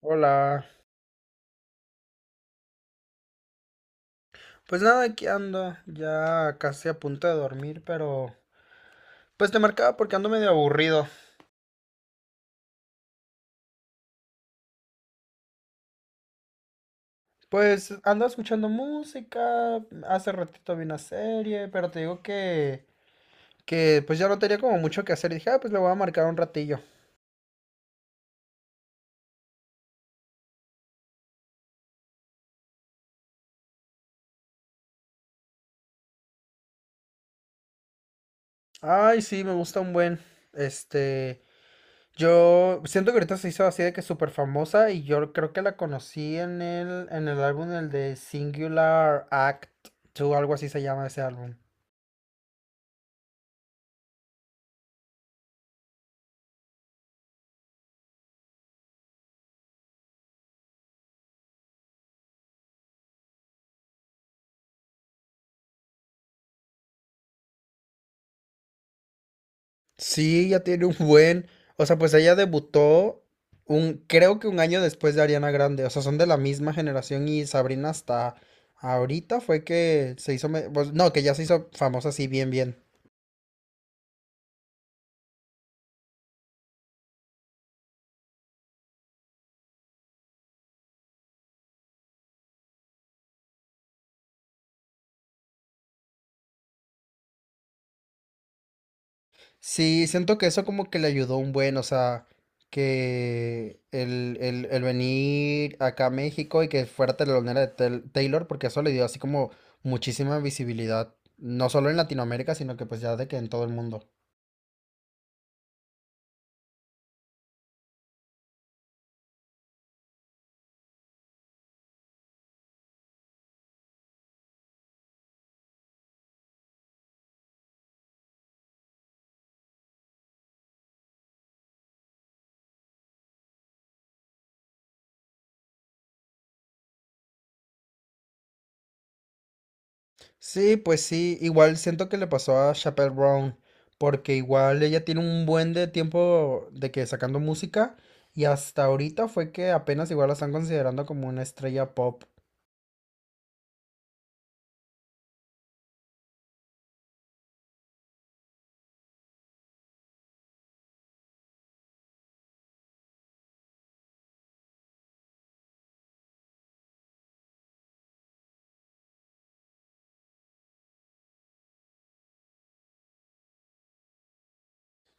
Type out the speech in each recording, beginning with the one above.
Hola, pues nada, aquí ando, ya casi a punto de dormir, pero pues te marcaba porque ando medio aburrido. Pues ando escuchando música, hace ratito vi una serie, pero te digo que pues ya no tenía como mucho que hacer y dije, ah, pues le voy a marcar un ratillo. Ay, sí, me gusta un buen, este, yo siento que ahorita se hizo así de que súper famosa y yo creo que la conocí en el álbum, el de Singular Act 2, algo así se llama ese álbum. Sí, ya tiene un buen. O sea, pues ella debutó un, creo que un año después de Ariana Grande. O sea, son de la misma generación y Sabrina hasta ahorita fue que se hizo, pues, no, que ya se hizo famosa así bien, bien. Sí, siento que eso como que le ayudó un buen, o sea, que el venir acá a México y que fuera telonera de Taylor, porque eso le dio así como muchísima visibilidad, no solo en Latinoamérica, sino que pues ya de que en todo el mundo. Sí, pues sí, igual siento que le pasó a Chappell Brown, porque igual ella tiene un buen de tiempo de que sacando música y hasta ahorita fue que apenas igual la están considerando como una estrella pop.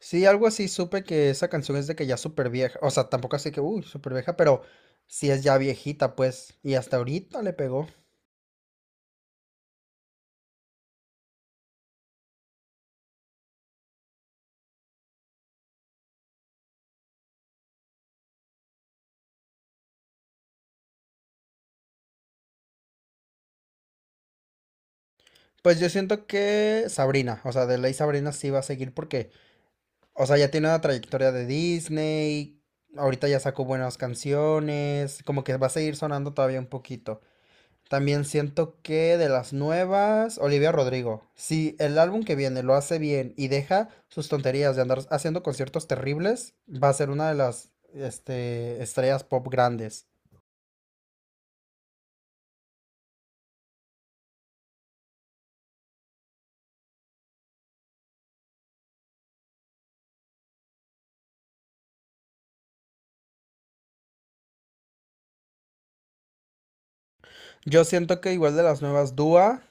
Sí, algo así supe que esa canción es de que ya súper vieja, o sea, tampoco así que, uy, súper vieja, pero sí es ya viejita, pues, y hasta ahorita le pegó. Pues yo siento que Sabrina, o sea, de ley Sabrina sí va a seguir porque, o sea, ya tiene una trayectoria de Disney, ahorita ya sacó buenas canciones, como que va a seguir sonando todavía un poquito. También siento que de las nuevas, Olivia Rodrigo, si el álbum que viene lo hace bien y deja sus tonterías de andar haciendo conciertos terribles, va a ser una de las estrellas pop grandes. Yo siento que igual de las nuevas, Dua,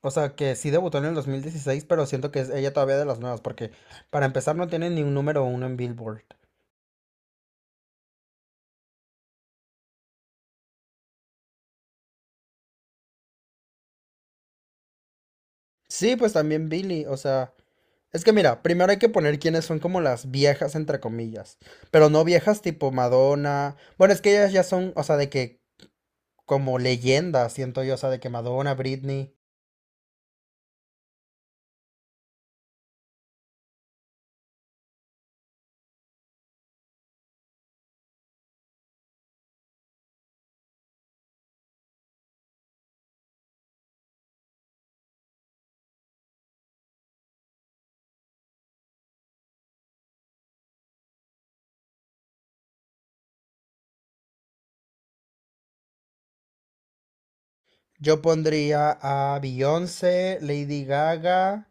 o sea, que sí debutó en el 2016, pero siento que es ella todavía de las nuevas, porque para empezar no tiene ni un número uno en Billboard. Sí, pues también Billy, o sea, es que mira, primero hay que poner quiénes son como las viejas, entre comillas, pero no viejas tipo Madonna, bueno, es que ellas ya son, o sea, de que como leyendas, siento yo, o sea, de que Madonna, Britney, yo pondría a Beyoncé, Lady Gaga,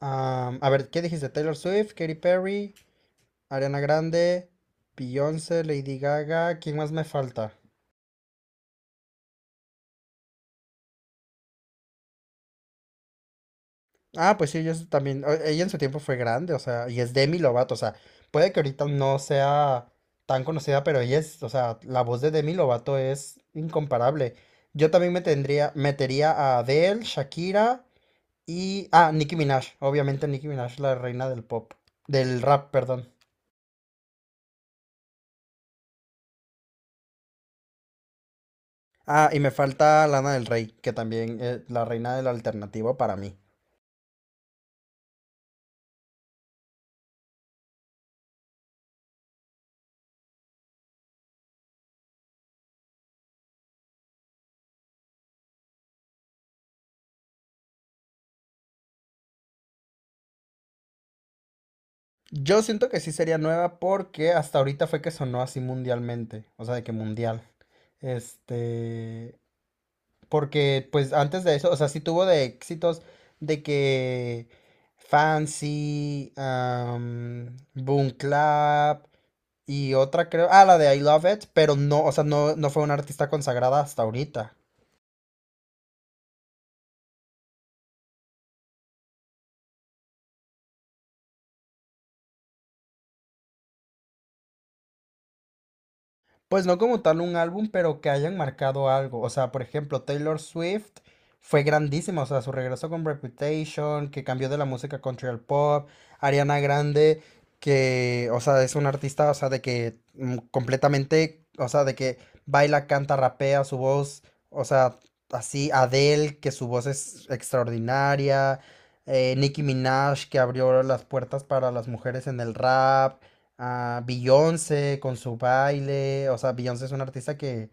a ver, ¿qué dijiste? Taylor Swift, Katy Perry, Ariana Grande, Beyoncé, Lady Gaga, ¿quién más me falta? Ah, pues sí, ella es también, ella en su tiempo fue grande, o sea, y es Demi Lovato, o sea, puede que ahorita no sea tan conocida, pero ella es, o sea, la voz de Demi Lovato es incomparable. Yo también me tendría, metería a Adele, Shakira y, ah, Nicki Minaj, obviamente Nicki Minaj, la reina del pop, del rap, perdón. Ah, y me falta Lana del Rey, que también es la reina del alternativo para mí. Yo siento que sí sería nueva porque hasta ahorita fue que sonó así mundialmente, o sea, de que mundial. Este, porque pues antes de eso, o sea, sí tuvo de éxitos de que Fancy, Boom Clap y otra creo, ah, la de I Love It, pero no, o sea, no, no fue una artista consagrada hasta ahorita. Pues no como tal un álbum, pero que hayan marcado algo. O sea, por ejemplo, Taylor Swift fue grandísima. O sea, su regreso con Reputation, que cambió de la música country al pop. Ariana Grande, que, o sea, es una artista, o sea, de que completamente, o sea, de que baila, canta, rapea, su voz, o sea, así. Adele, que su voz es extraordinaria. Nicki Minaj, que abrió las puertas para las mujeres en el rap a Beyoncé con su baile, o sea, Beyoncé es una artista que,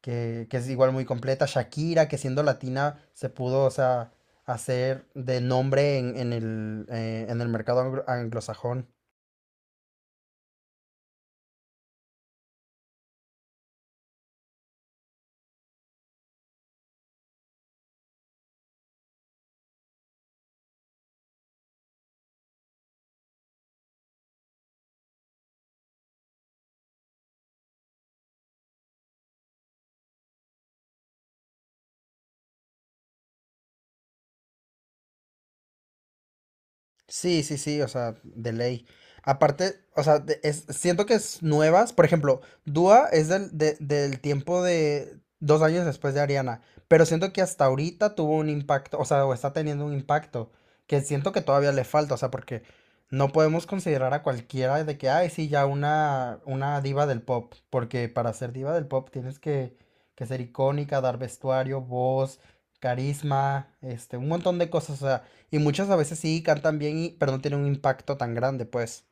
que, que es igual muy completa, Shakira, que siendo latina se pudo, o sea, hacer de nombre en el mercado anglosajón. Sí, sí, sí, o sea, de ley. Aparte, o sea, siento que es nuevas. Por ejemplo, Dua es del, del tiempo de dos años después de Ariana, pero siento que hasta ahorita tuvo un impacto, o sea, o está teniendo un impacto, que siento que todavía le falta, o sea, porque no podemos considerar a cualquiera de que, ay, sí, ya una diva del pop, porque para ser diva del pop tienes que ser icónica, dar vestuario, voz, carisma, un montón de cosas, y muchas a veces sí cantan bien, y, pero no tienen un impacto tan grande, pues.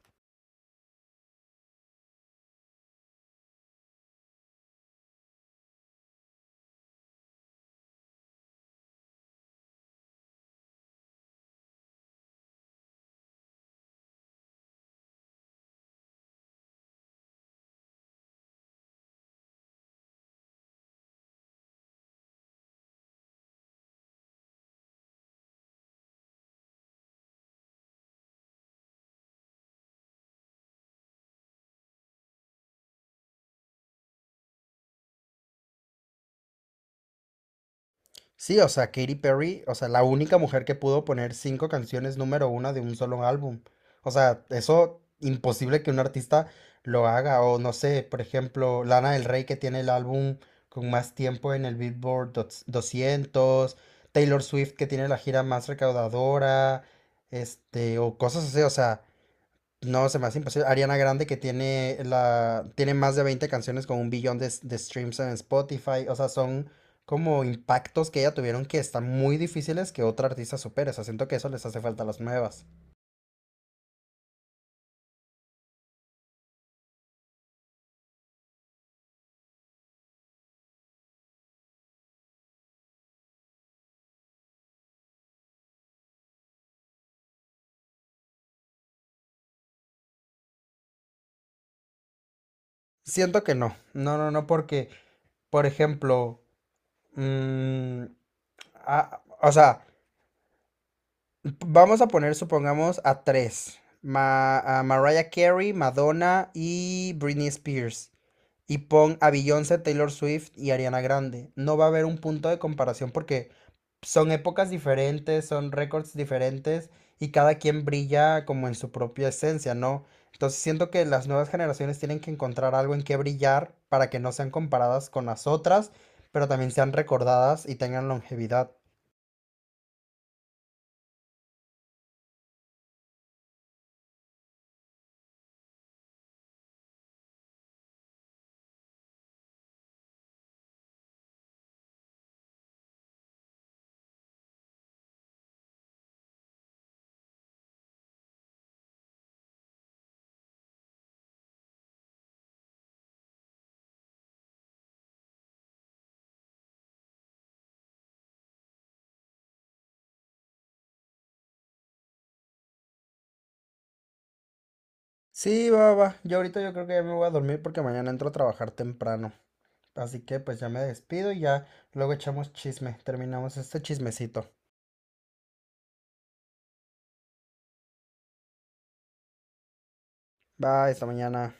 Sí, o sea, Katy Perry, o sea, la única mujer que pudo poner cinco canciones número una de un solo álbum. O sea, eso imposible que un artista lo haga. O no sé, por ejemplo, Lana del Rey que tiene el álbum con más tiempo en el Billboard 200. Taylor Swift que tiene la gira más recaudadora, o cosas así. O sea, no, se me hace imposible. Ariana Grande que tiene la tiene más de 20 canciones con un billón de streams en Spotify. O sea, son como impactos que ella tuvieron que están muy difíciles que otra artista supere. O sea, siento que eso les hace falta a las nuevas. Siento que no. No, no, no, porque, por ejemplo, mm, o sea, vamos a poner, supongamos, a tres. A Mariah Carey, Madonna y Britney Spears. Y pon a Beyoncé, Taylor Swift y Ariana Grande. No va a haber un punto de comparación porque son épocas diferentes, son récords diferentes y cada quien brilla como en su propia esencia, ¿no? Entonces siento que las nuevas generaciones tienen que encontrar algo en qué brillar para que no sean comparadas con las otras, pero también sean recordadas y tengan longevidad. Sí, va, va. Yo ahorita yo creo que ya me voy a dormir porque mañana entro a trabajar temprano. Así que pues ya me despido y ya luego echamos chisme, terminamos este chismecito. Bye, hasta mañana.